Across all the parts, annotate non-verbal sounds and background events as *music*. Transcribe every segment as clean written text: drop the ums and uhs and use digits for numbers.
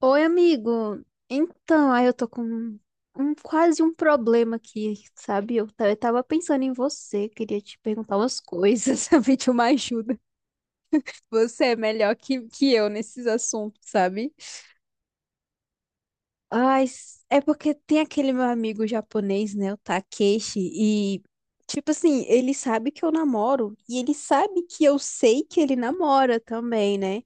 Oi, amigo. Então, aí eu tô com quase um problema aqui, sabe? Eu tava pensando em você, queria te perguntar umas coisas, *laughs* sabe? De uma ajuda. Você é melhor que eu nesses assuntos, sabe? Ai, é porque tem aquele meu amigo japonês, né? O Takeshi, e, tipo assim, ele sabe que eu namoro e ele sabe que eu sei que ele namora também, né?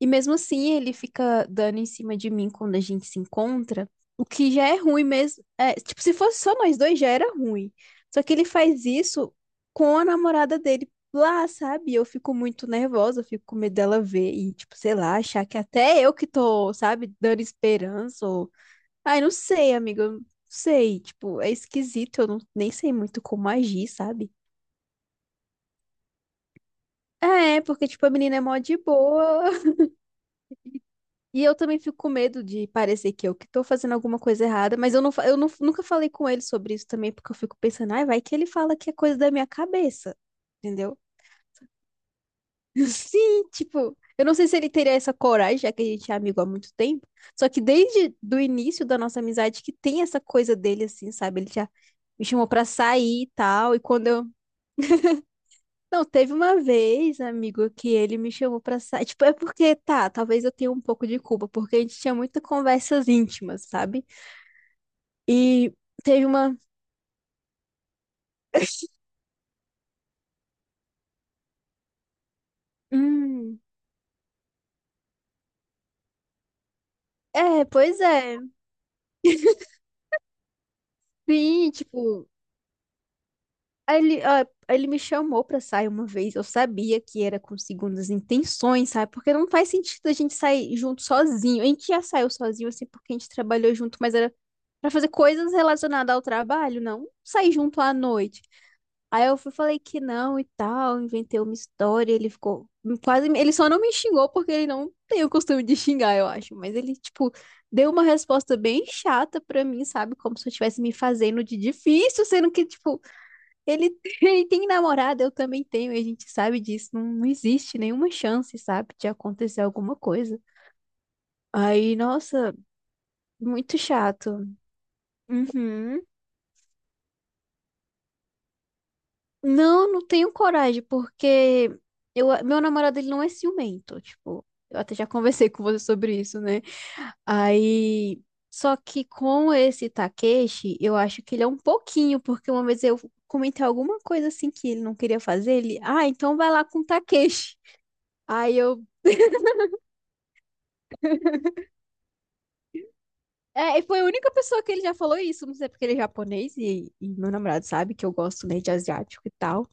E mesmo assim, ele fica dando em cima de mim quando a gente se encontra, o que já é ruim mesmo. É, tipo, se fosse só nós dois, já era ruim. Só que ele faz isso com a namorada dele lá, sabe? Eu fico muito nervosa, eu fico com medo dela ver e, tipo, sei lá, achar que até eu que tô, sabe, dando esperança ou... Ai, não sei, amiga, eu não sei. Tipo, é esquisito, eu não, nem sei muito como agir, sabe? É, porque, tipo, a menina é mó de boa. E eu também fico com medo de parecer que eu que tô fazendo alguma coisa errada, mas eu, não, fa- eu não- nunca falei com ele sobre isso também, porque eu fico pensando, ai, vai que ele fala que é coisa da minha cabeça, entendeu? *laughs* Sim, tipo, eu não sei se ele teria essa coragem, já que a gente é amigo há muito tempo, só que desde do início da nossa amizade que tem essa coisa dele, assim, sabe? Ele já me chamou pra sair e tal, e quando eu... Não, teve uma vez, amigo, que ele me chamou pra sair. Tipo, é porque, tá, talvez eu tenha um pouco de culpa, porque a gente tinha muitas conversas íntimas, sabe? E teve uma. *laughs* Hum. É, pois é. Sim, tipo. Aí ele, ah, aí ele me chamou pra sair uma vez. Eu sabia que era com segundas intenções, sabe? Porque não faz sentido a gente sair junto sozinho. A gente já saiu sozinho, assim, porque a gente trabalhou junto, mas era pra fazer coisas relacionadas ao trabalho, não sair junto à noite. Aí eu fui, falei que não e tal, inventei uma história, ele ficou quase, ele só não me xingou porque ele não tem o costume de xingar, eu acho, mas ele tipo deu uma resposta bem chata pra mim, sabe, como se eu estivesse me fazendo de difícil, sendo que tipo, ele *laughs* ele tem namorada, eu também tenho, e a gente sabe disso, não existe nenhuma chance, sabe, de acontecer alguma coisa. Aí, nossa, muito chato. Uhum. Não, não tenho coragem, porque meu namorado ele não é ciumento, tipo, eu até já *laughs* conversei com você sobre isso, né? Aí, só que com esse Takeshi, eu acho que ele é um pouquinho, porque uma vez eu comentei alguma coisa assim que ele não queria fazer, ele, então vai lá com o Takeshi. Aí eu, e foi a única pessoa que ele já falou isso, não sei porque ele é japonês e meu namorado sabe que eu gosto, né, de asiático e tal.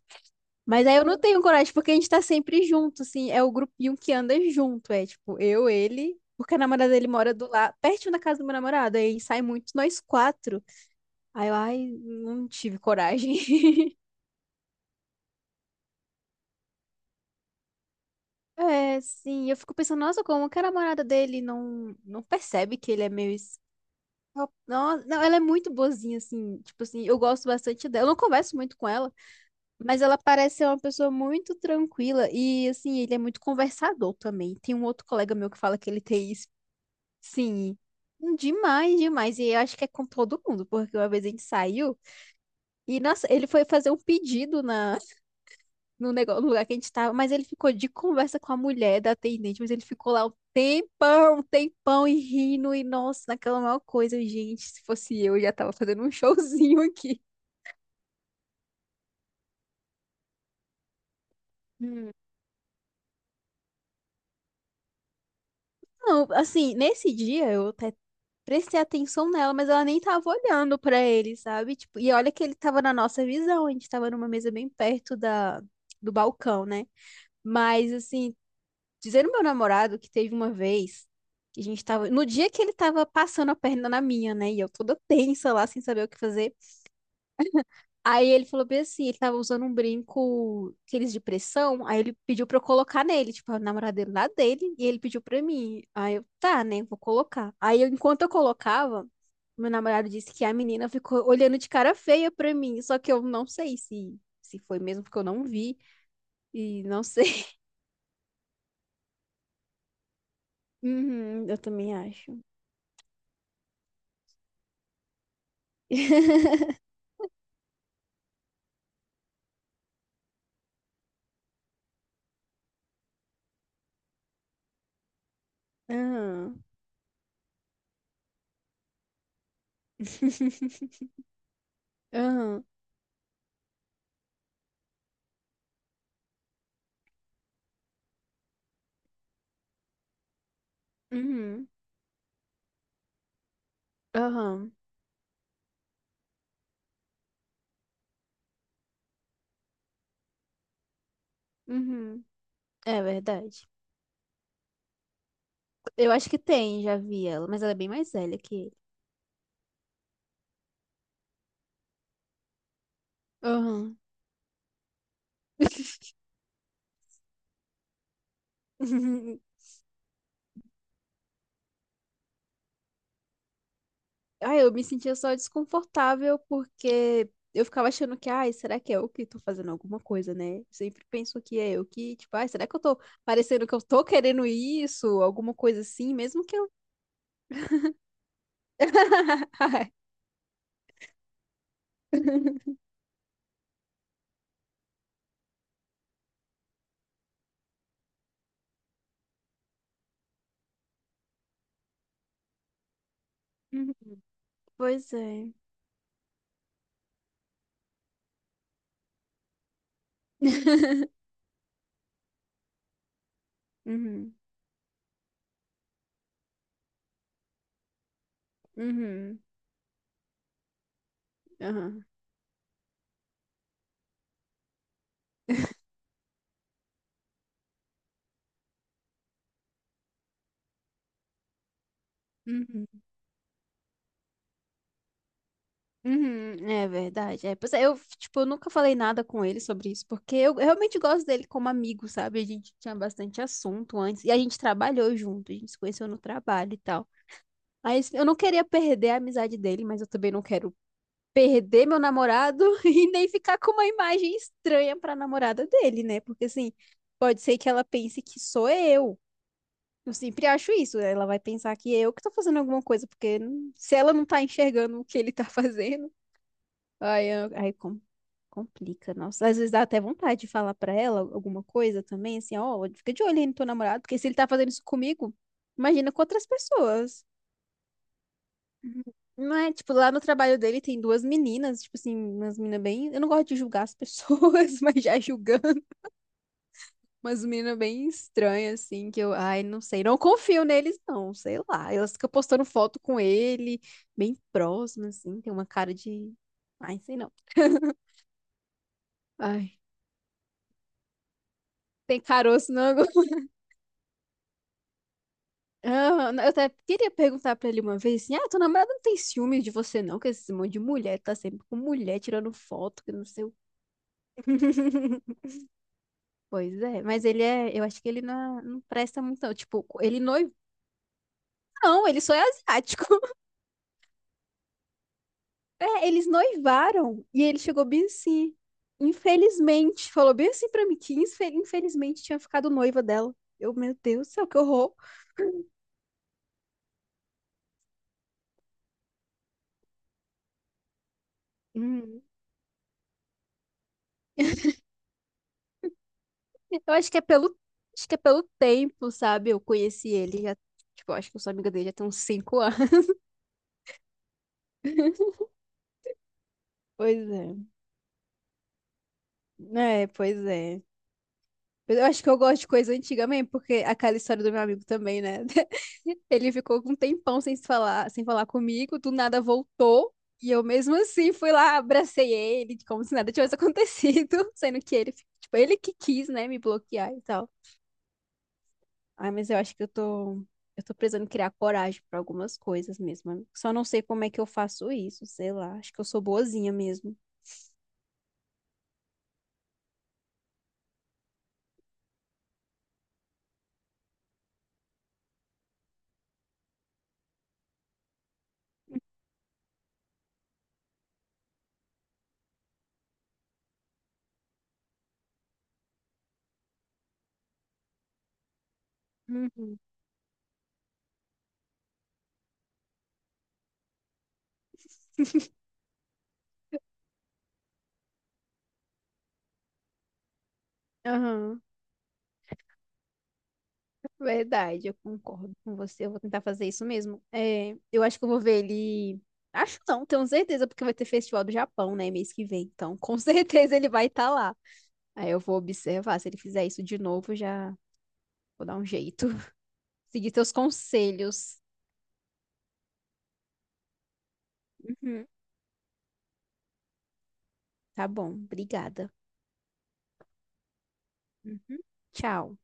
Mas aí eu não tenho coragem, porque a gente tá sempre junto, assim, é o grupinho que anda junto, é tipo, eu, ele, porque a namorada dele mora do lado, pertinho da casa do meu namorado, aí sai muito nós quatro. Aí eu, ai, não tive coragem. *laughs* É, sim, eu fico pensando, nossa, como que a namorada dele não percebe que ele é meio... Não, não, ela é muito boazinha, assim, tipo assim, eu gosto bastante dela, eu não converso muito com ela, mas ela parece ser uma pessoa muito tranquila e, assim, ele é muito conversador também. Tem um outro colega meu que fala que ele tem. Sim, demais, demais. E eu acho que é com todo mundo, porque uma vez a gente saiu e nossa, ele foi fazer um pedido na, no, negócio, no lugar que a gente tava, mas ele ficou de conversa com a mulher da atendente, mas ele ficou lá um tempão e rindo, e nossa, naquela maior coisa, gente, se fosse eu já tava fazendo um *laughs* showzinho aqui. Não, assim, nesse dia eu até prestei atenção nela, mas ela nem tava olhando pra ele, sabe? Tipo, e olha que ele tava na nossa visão, a gente tava numa mesa bem perto do balcão, né? Mas, assim, dizendo meu namorado que teve uma vez que a gente tava. No dia que ele tava passando a perna na minha, né? E eu toda tensa lá, sem saber o que fazer. Aí ele falou bem assim, ele tava usando um brinco, aqueles de pressão, aí ele pediu pra eu colocar nele, tipo, a namorada dele lá dele, e ele pediu pra mim. Aí eu, tá, né, vou colocar. Enquanto eu colocava, meu namorado disse que a menina ficou olhando de cara feia pra mim, só que eu não sei se foi mesmo, porque eu não vi, e não sei. *laughs* Uhum, eu também acho. *laughs* Aham. *laughs* Aham. Uhum. Aham. Uhum, é verdade. Eu acho que tem, já vi ela, mas ela é bem mais velha que ele. Aham. *laughs* Ai, eu me sentia só desconfortável porque eu ficava achando que, ai, será que é eu que tô fazendo alguma coisa, né? Sempre penso que é eu que, tipo, ai, será que eu tô parecendo que eu tô querendo isso? Alguma coisa assim, mesmo que eu. *laughs* Ai. *laughs* Pois é. Uhum. Uhum. Aham. Uhum. Uhum, é verdade. É, pois é, eu, tipo, eu nunca falei nada com ele sobre isso, porque eu realmente gosto dele como amigo, sabe? A gente tinha bastante assunto antes, e a gente trabalhou junto, a gente se conheceu no trabalho e tal. Aí assim, eu não queria perder a amizade dele, mas eu também não quero perder meu namorado *laughs* e nem ficar com uma imagem estranha pra namorada dele, né? Porque assim, pode ser que ela pense que sou eu. Eu sempre acho isso, ela vai pensar que é eu que tô fazendo alguma coisa, porque se ela não tá enxergando o que ele tá *laughs* fazendo. Aí, complica, nossa. Às vezes dá até vontade de falar pra ela alguma coisa também, assim, ó, fica de olho aí no teu namorado, porque se ele tá fazendo isso comigo, imagina com outras pessoas. Uhum. Não é, tipo, lá no trabalho dele tem duas meninas, tipo assim, umas meninas bem. Eu não gosto de julgar as pessoas, *laughs* mas já julgando, umas meninas bem estranhas, assim, que eu, ai, não sei, não confio neles, não, sei lá. Elas ficam postando foto com ele, bem próximas assim, tem uma cara de. Ai, sei não. *laughs* Ai. Tem caroço no angu. Ah, eu até queria perguntar pra ele uma vez assim: ah, tua namorada não tem ciúme de você, não? Que esse monte de mulher tá sempre com mulher tirando foto, que não sei o quê. *laughs* Pois é, mas ele é. Eu acho que ele não presta muito, não. Tipo, ele noivo. Não, ele só é asiático. *laughs* É, eles noivaram e ele chegou bem assim. Infelizmente, falou bem assim pra mim que infelizmente tinha ficado noiva dela. Eu, meu Deus do céu, que horror. Hum. Eu acho que é pelo tempo, sabe? Eu conheci ele já, tipo, eu acho que eu sou amiga dele já tem uns 5 anos. *laughs* Pois é. É, pois é. Mas eu acho que eu gosto de coisa antiga mesmo, porque aquela história do meu amigo também, né? *laughs* Ele ficou com um tempão sem se falar, sem falar comigo, do nada voltou, e eu mesmo assim fui lá, abracei ele, como se nada tivesse acontecido, *laughs* sendo que ele, tipo, ele que quis, né, me bloquear e tal. Ai, mas eu acho que eu tô precisando criar coragem pra algumas coisas mesmo, amigo. Só não sei como é que eu faço isso, sei lá. Acho que eu sou boazinha mesmo. Uhum. Aham, verdade, eu concordo com você. Eu vou tentar fazer isso mesmo. É, eu acho que eu vou ver ele. Acho não, tenho certeza, porque vai ter festival do Japão, né, mês que vem. Então, com *laughs* certeza ele vai estar lá. Aí eu vou observar. Se ele fizer isso de novo, já vou dar um jeito. *laughs* Seguir teus conselhos. Uhum. Tá bom, obrigada. Uhum. Tchau.